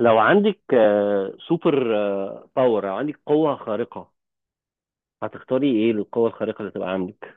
لو عندك سوبر باور او عندك قوة خارقة، هتختاري ايه للقوة الخارقة اللي تبقى عندك؟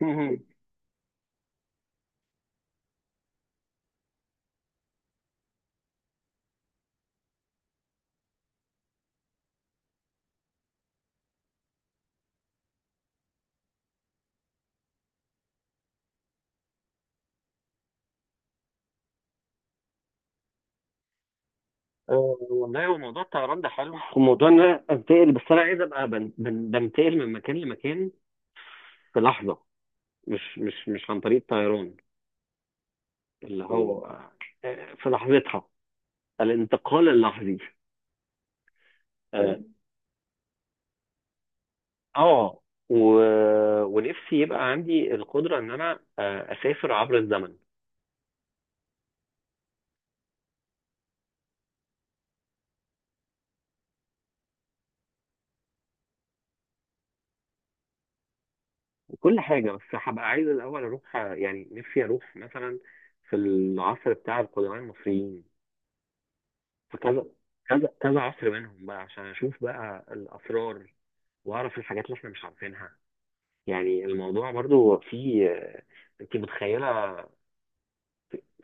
مهم. والله هو موضوع الطيران ده حلو، وموضوع ان انا انتقل، بس انا عايز ابقى بنتقل من مكان لمكان في لحظة، مش عن طريق الطيران، اللي هو في لحظتها الانتقال اللحظي. اه. آه، و... ونفسي يبقى عندي القدرة ان انا اسافر عبر الزمن كل حاجة. بس هبقى عايز الأول أروح، يعني نفسي أروح مثلا في العصر بتاع القدماء المصريين، في كذا كذا كذا عصر منهم بقى عشان أشوف بقى الأسرار وأعرف الحاجات اللي إحنا مش عارفينها. يعني الموضوع برضو فيه، أنت متخيلة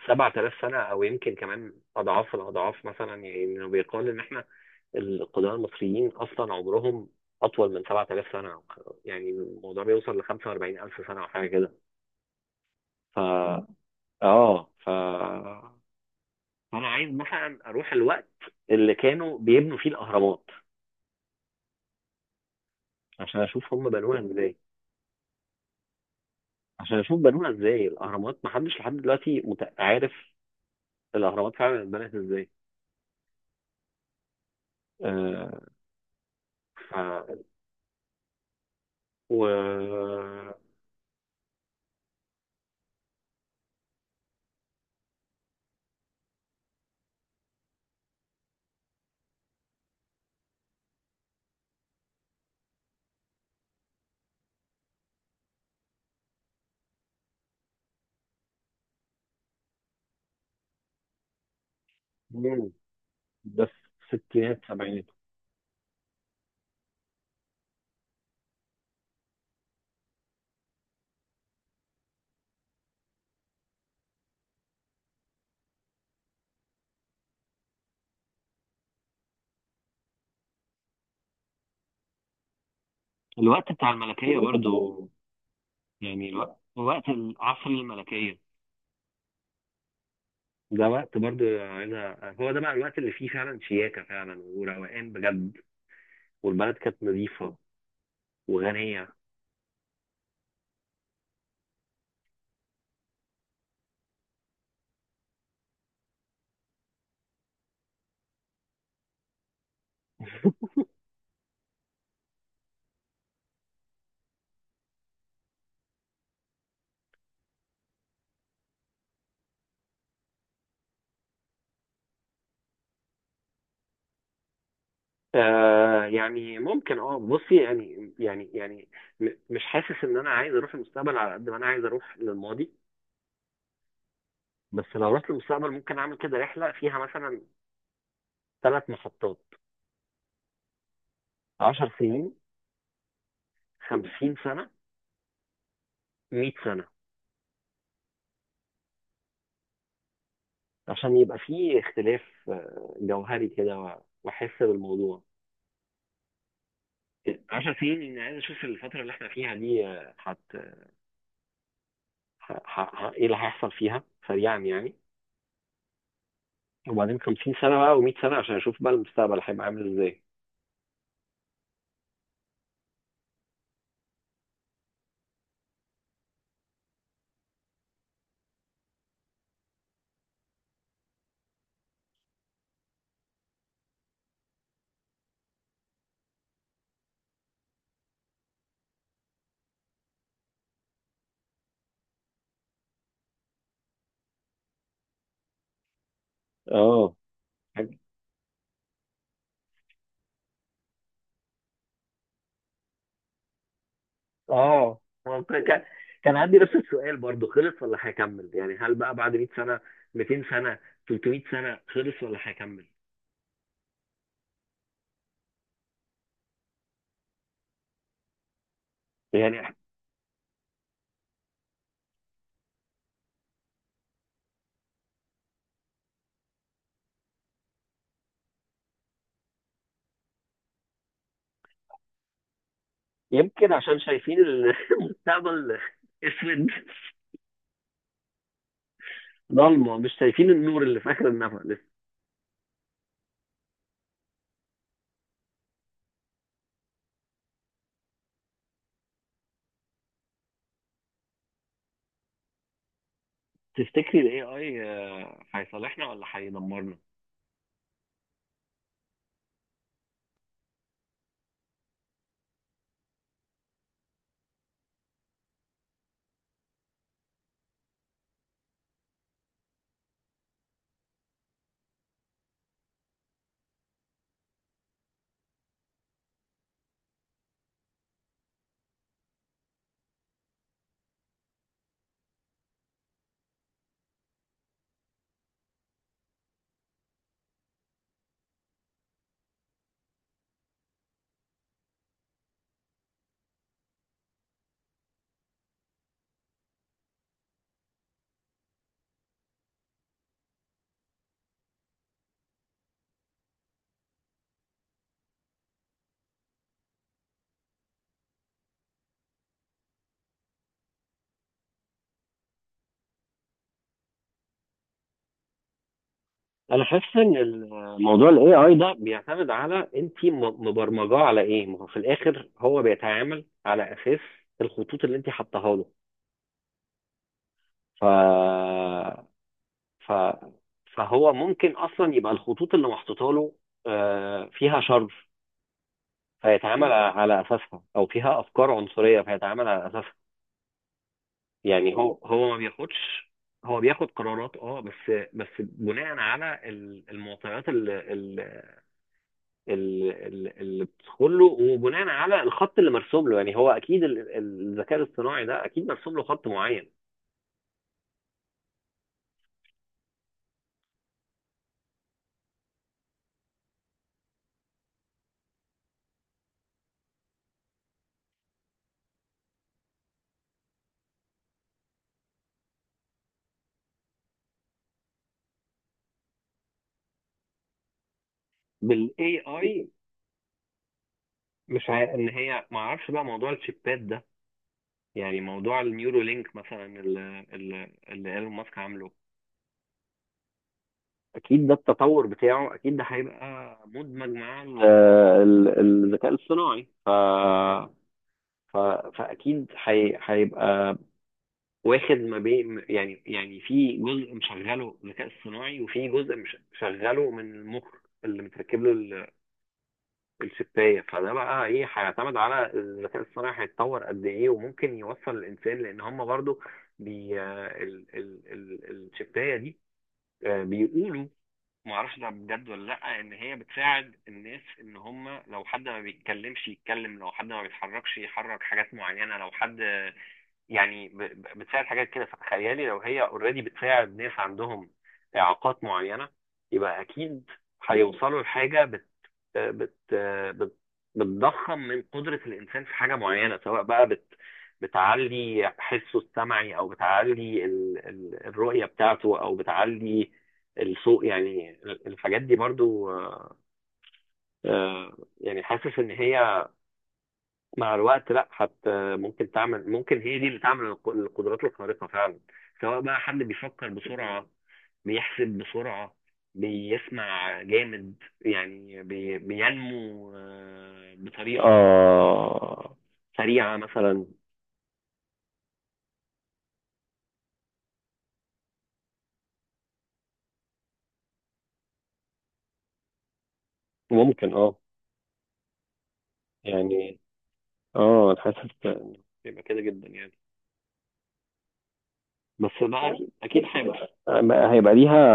7000 سنة أو يمكن كمان أضعاف الأضعاف مثلا؟ يعني إنه بيقال إن إحنا القدماء المصريين أصلا عمرهم أطول من 7000 سنة. يعني الموضوع بيوصل ل 45000 سنة أو حاجة كده. ف اه ف فانا عايز مثلا اروح الوقت اللي كانوا بيبنوا فيه الاهرامات عشان اشوف هم بنوها ازاي. عشان اشوف بنوها ازاي، الاهرامات محدش لحد دلوقتي عارف الاهرامات فعلا اتبنت ازاي. آه ف و مم، ده في الستينات سبعينات، الوقت بتاع الملكية برضو، يعني الوقت وقت العصر الملكية ده. وقت برضو عايز هو ده بقى الوقت اللي فيه فعلا شياكة فعلا وروقان بجد، والبلد كانت نظيفة وغنية. يعني ممكن، بصي، يعني مش حاسس ان انا عايز اروح المستقبل على قد ما انا عايز اروح للماضي. بس لو رحت للمستقبل ممكن اعمل كده رحلة فيها مثلا ثلاث محطات: 10 سنين، 50 سنة، 100 سنة، عشان يبقى فيه اختلاف جوهري كده، واحس بالموضوع. 10 سنين اني عايز اشوف الفترة اللي احنا فيها دي آه، هت ه- ه- ه- ايه اللي هيحصل فيها سريعا يعني. وبعدين 50 سنة بقى و100 سنة عشان اشوف بقى المستقبل هيبقى عامل ازاي. اه. حاج- اه هو كان عندي نفس السؤال برضو، خلص ولا هيكمل؟ يعني هل بقى بعد 100 سنة، 200 سنة، 300 سنة خلص ولا هيكمل؟ يعني إح- يمكن عشان شايفين المستقبل اسود، ضلمة، مش شايفين النور اللي في آخر النفق لسه. تفتكري ال AI هيصالحنا ولا هيدمرنا؟ انا حاسس ان الموضوع الاي اي ده بيعتمد على انت مبرمجاه على ايه. ما هو في الاخر هو بيتعامل على اساس الخطوط اللي انت حطاها له. ف... ف... فهو ممكن اصلا يبقى الخطوط اللي محطوطه له فيها شر فيتعامل على اساسها، او فيها افكار عنصريه فيتعامل على اساسها. يعني هو ما بياخدش، هو بياخد قرارات، بس بناء على المعطيات اللي بتدخل له وبناء على الخط اللي مرسوم له. يعني هو اكيد الذكاء الاصطناعي ده اكيد مرسوم له خط معين. بالاي اي، مش عارف، ان هي ما اعرفش بقى موضوع الشيبات ده، يعني موضوع النيورو لينك مثلا اللي ايلون ماسك عامله. اكيد ده التطور بتاعه، اكيد ده هيبقى مدمج مع الذكاء الاصطناعي. ف... فاكيد هيبقى واخد ما بين، في جزء مشغله ذكاء اصطناعي وفي جزء مشغله من المخ اللي متركب له الشبايه. فده بقى ايه، هيعتمد على الذكاء الصناعي هيتطور قد ايه، وممكن يوصل الانسان لان هم برضو بي ال ال ال الشبايه دي بيقولوا، ما اعرفش ده بجد ولا لا، ان هي بتساعد الناس، ان هم لو حد ما بيتكلمش يتكلم، لو حد ما بيتحركش يحرك حاجات معينه، لو حد يعني بتساعد حاجات كده. فتخيلي لو هي اوريدي بتساعد ناس عندهم اعاقات معينه، يبقى اكيد هيوصلوا لحاجه بت بت بت بتضخم من قدره الانسان في حاجه معينه، سواء بقى بتعلي حسه السمعي او بتعلي الرؤيه بتاعته او بتعلي الصوت. يعني الحاجات دي برضو يعني حاسس ان هي مع الوقت، لا حتى ممكن تعمل، ممكن هي دي اللي تعمل القدرات الخارقة فعلا، سواء بقى حد بيفكر بسرعة، بيحسب بسرعة، بيسمع جامد، يعني بينمو بطريقة سريعة مثلا. ممكن. اه يعني، اه انا حاسس إن يبقى كده جدا يعني. بس مع، اكيد هيبقى ليها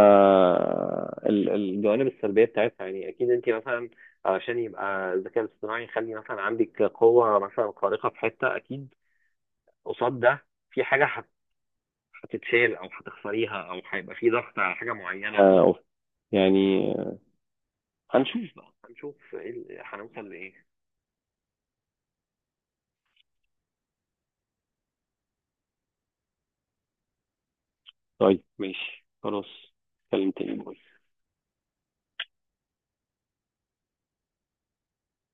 الجوانب السلبيه بتاعتها. يعني اكيد انت مثلا علشان يبقى الذكاء الاصطناعي يخلي مثلا عندك قوه مثلا خارقه في حته، اكيد قصاد ده في حاجه هتتشال او هتخسريها، او هيبقى في ضغط على حاجه معينه يعني. هنشوف بقى، هنشوف إيه هنوصل لايه. طيب ماشي خلاص. اتكلم تاني. باي.